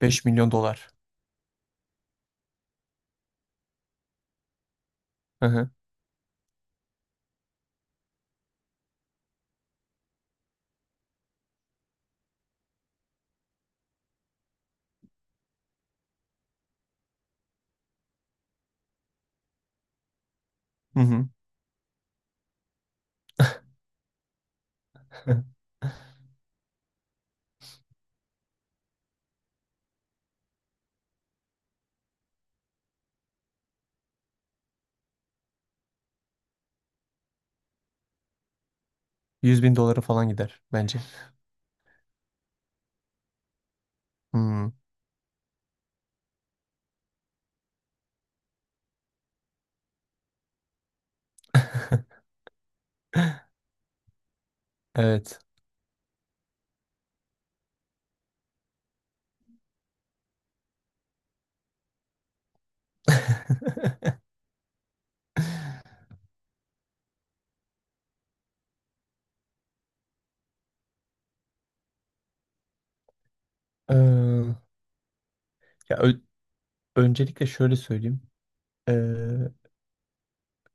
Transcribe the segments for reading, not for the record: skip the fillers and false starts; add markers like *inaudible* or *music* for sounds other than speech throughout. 5 milyon dolar. Hı hı. Hı hı. *laughs* 100 bin doları falan gider bence. Hmm. *laughs* Evet. *laughs* Ee, Ya öncelikle şöyle söyleyeyim. Ee,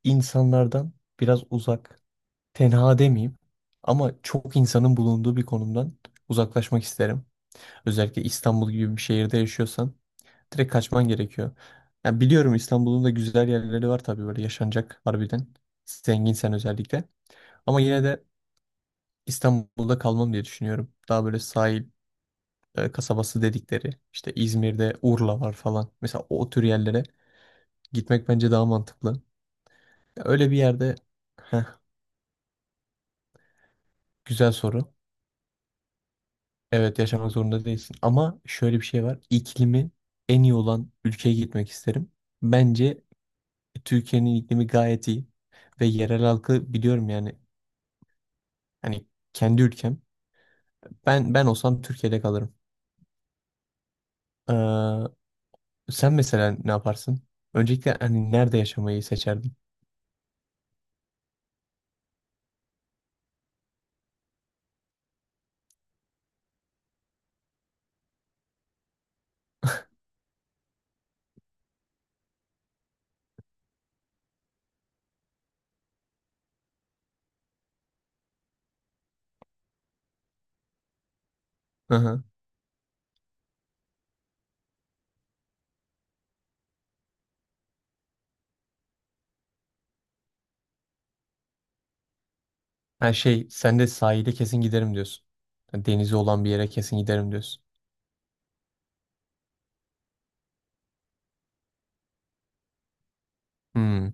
insanlardan biraz uzak, tenha demeyeyim ama çok insanın bulunduğu bir konumdan uzaklaşmak isterim. Özellikle İstanbul gibi bir şehirde yaşıyorsan direkt kaçman gerekiyor. Ya biliyorum İstanbul'un da güzel yerleri var tabii böyle yaşanacak harbiden. Zenginsen özellikle. Ama yine de İstanbul'da kalmam diye düşünüyorum. Daha böyle sahil kasabası dedikleri işte İzmir'de Urla var falan. Mesela o tür yerlere gitmek bence daha mantıklı. Ya öyle bir yerde. Heh, güzel soru. Evet yaşamak zorunda değilsin ama şöyle bir şey var. İklimi en iyi olan ülkeye gitmek isterim. Bence Türkiye'nin iklimi gayet iyi ve yerel halkı biliyorum yani hani kendi ülkem. Ben olsam Türkiye'de kalırım. Ee, Sen mesela ne yaparsın? Öncelikle hani nerede yaşamayı seçerdin? Hı hı. Her şey sen de sahile kesin giderim diyorsun. Yani denizi olan bir yere kesin giderim diyorsun. Hmm.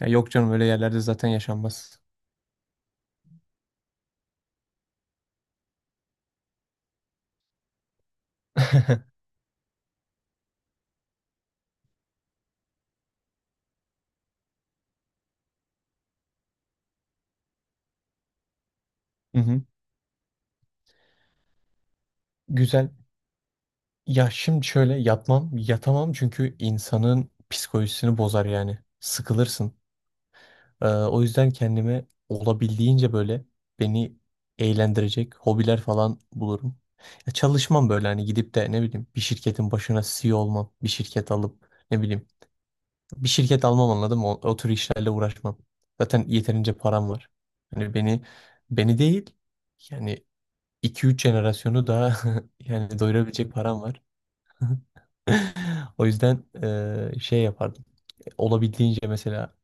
Ya yok canım öyle yerlerde zaten yaşanmaz. *laughs* Hı hı. Güzel. Ya şimdi şöyle yatmam, yatamam çünkü insanın psikolojisini bozar yani. Sıkılırsın. O yüzden kendime olabildiğince böyle beni eğlendirecek hobiler falan bulurum. Ya çalışmam böyle hani gidip de ne bileyim bir şirketin başına CEO olmam, bir şirket alıp ne bileyim bir şirket almam anladım. O, o tür işlerle uğraşmam. Zaten yeterince param var. Hani beni beni değil yani iki üç jenerasyonu daha *laughs* yani doyurabilecek param var. O yüzden şey yapardım. Olabildiğince mesela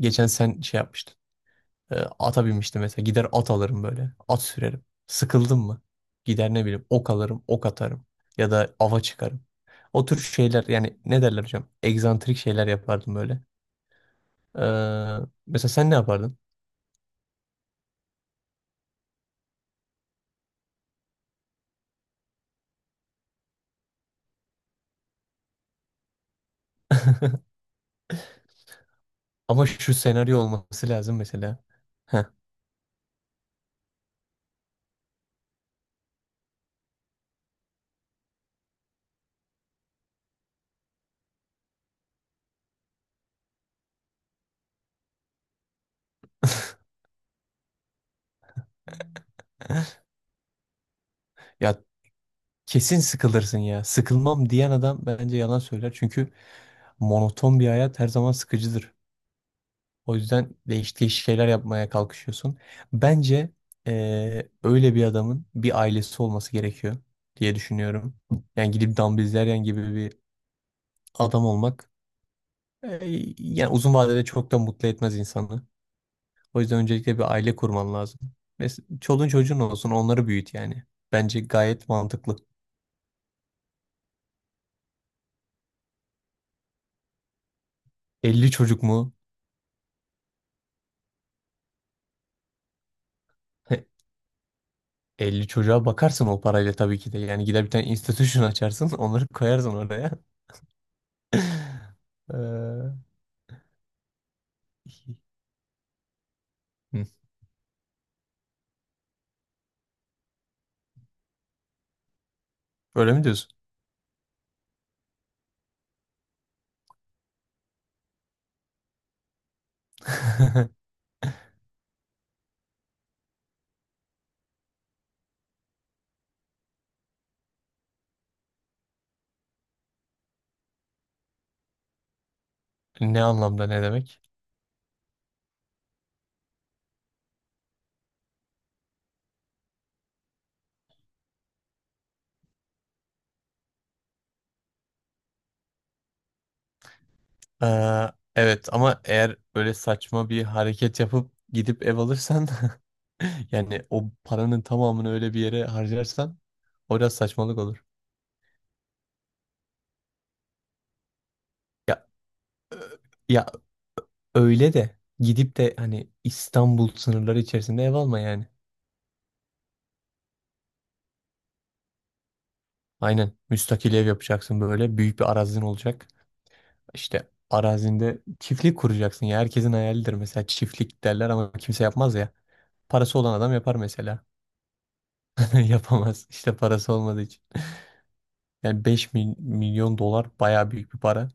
geçen sen şey yapmıştın. Ata binmiştim mesela. Gider at alırım böyle. At sürerim. Sıkıldım mı? Gider ne bileyim ok alırım, ok atarım. Ya da ava çıkarım. O tür şeyler yani ne derler hocam? Egzantrik şeyler yapardım böyle. Eee, Mesela sen ne yapardın? *laughs* Ama şu senaryo olması lazım mesela. Heh. *laughs* Ya kesin sıkılırsın ya. Sıkılmam diyen adam bence yalan söyler. Çünkü monoton bir hayat her zaman sıkıcıdır. O yüzden değişik değişik şeyler yapmaya kalkışıyorsun. Bence öyle bir adamın bir ailesi olması gerekiyor diye düşünüyorum. Yani gidip Dumb Bizleryen gibi bir adam olmak yani uzun vadede çok da mutlu etmez insanı. O yüzden öncelikle bir aile kurman lazım. Mesela çoluğun çocuğun olsun onları büyüt yani. Bence gayet mantıklı. 50 çocuk mu? *laughs* 50 çocuğa bakarsın o parayla tabii ki de. Yani gider bir tane institution açarsın *laughs* onları koyarsın oraya. *laughs* Ee, hı, Öyle mi diyorsun? *laughs* Ne anlamda ne demek? Evet ama eğer böyle saçma bir hareket yapıp gidip ev alırsan *laughs* yani o paranın tamamını öyle bir yere harcarsan o biraz saçmalık olur. Ya Ya öyle de gidip de hani İstanbul sınırları içerisinde ev alma yani. Aynen müstakil ev yapacaksın böyle büyük bir arazin olacak. İşte arazinde çiftlik kuracaksın ya herkesin hayalidir mesela çiftlik derler ama kimse yapmaz ya. Parası olan adam yapar mesela. *laughs* Yapamaz işte parası olmadığı için. Yani 5 milyon dolar baya büyük bir para.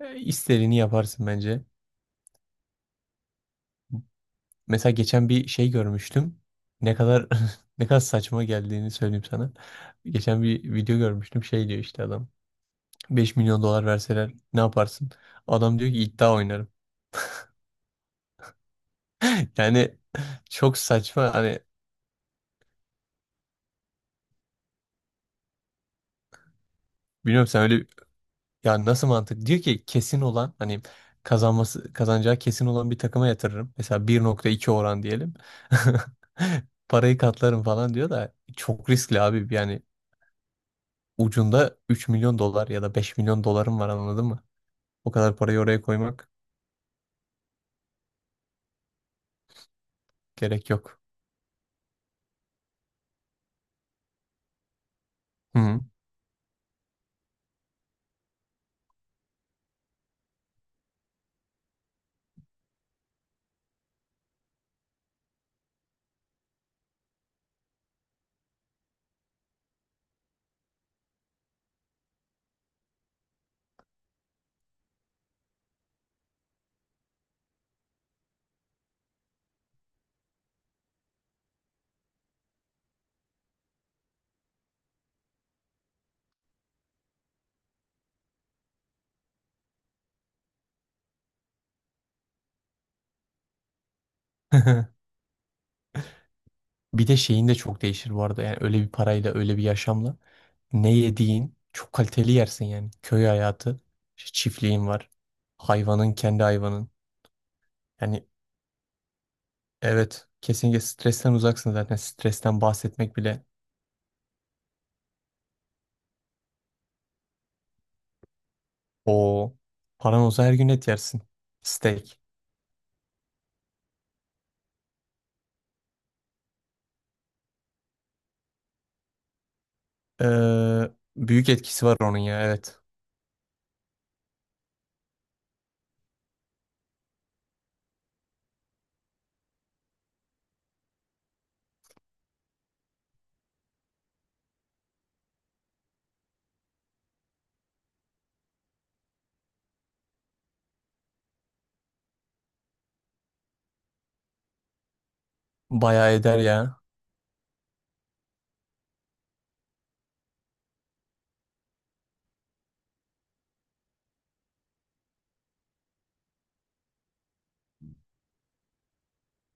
E, İstediğini yaparsın bence. Mesela geçen bir şey görmüştüm. Ne kadar *laughs* ne kadar saçma geldiğini söyleyeyim sana. Geçen bir video görmüştüm. Şey diyor işte adam. 5 milyon dolar verseler ne yaparsın? Adam diyor ki iddia oynarım. *laughs* Yani çok saçma hani bilmiyorum sen öyle ya nasıl mantık? Diyor ki kesin olan hani kazanması kazanacağı kesin olan bir takıma yatırırım. Mesela 1.2 oran diyelim. *laughs* Parayı katlarım falan diyor da çok riskli abi. Yani ucunda 3 milyon dolar ya da 5 milyon dolarım var anladın. O kadar parayı oraya koymak gerek yok. Hı hı. *laughs* Bir de şeyin de çok değişir bu arada. Yani öyle bir parayla, öyle bir yaşamla ne yediğin çok kaliteli yersin yani. Köy hayatı, işte çiftliğin var. Hayvanın, kendi hayvanın. Yani evet, kesinlikle stresten uzaksın zaten. Stresten bahsetmek bile. O paran olsa her gün et yersin. Steak. Ee, Büyük etkisi var onun ya evet. Bayağı eder ya.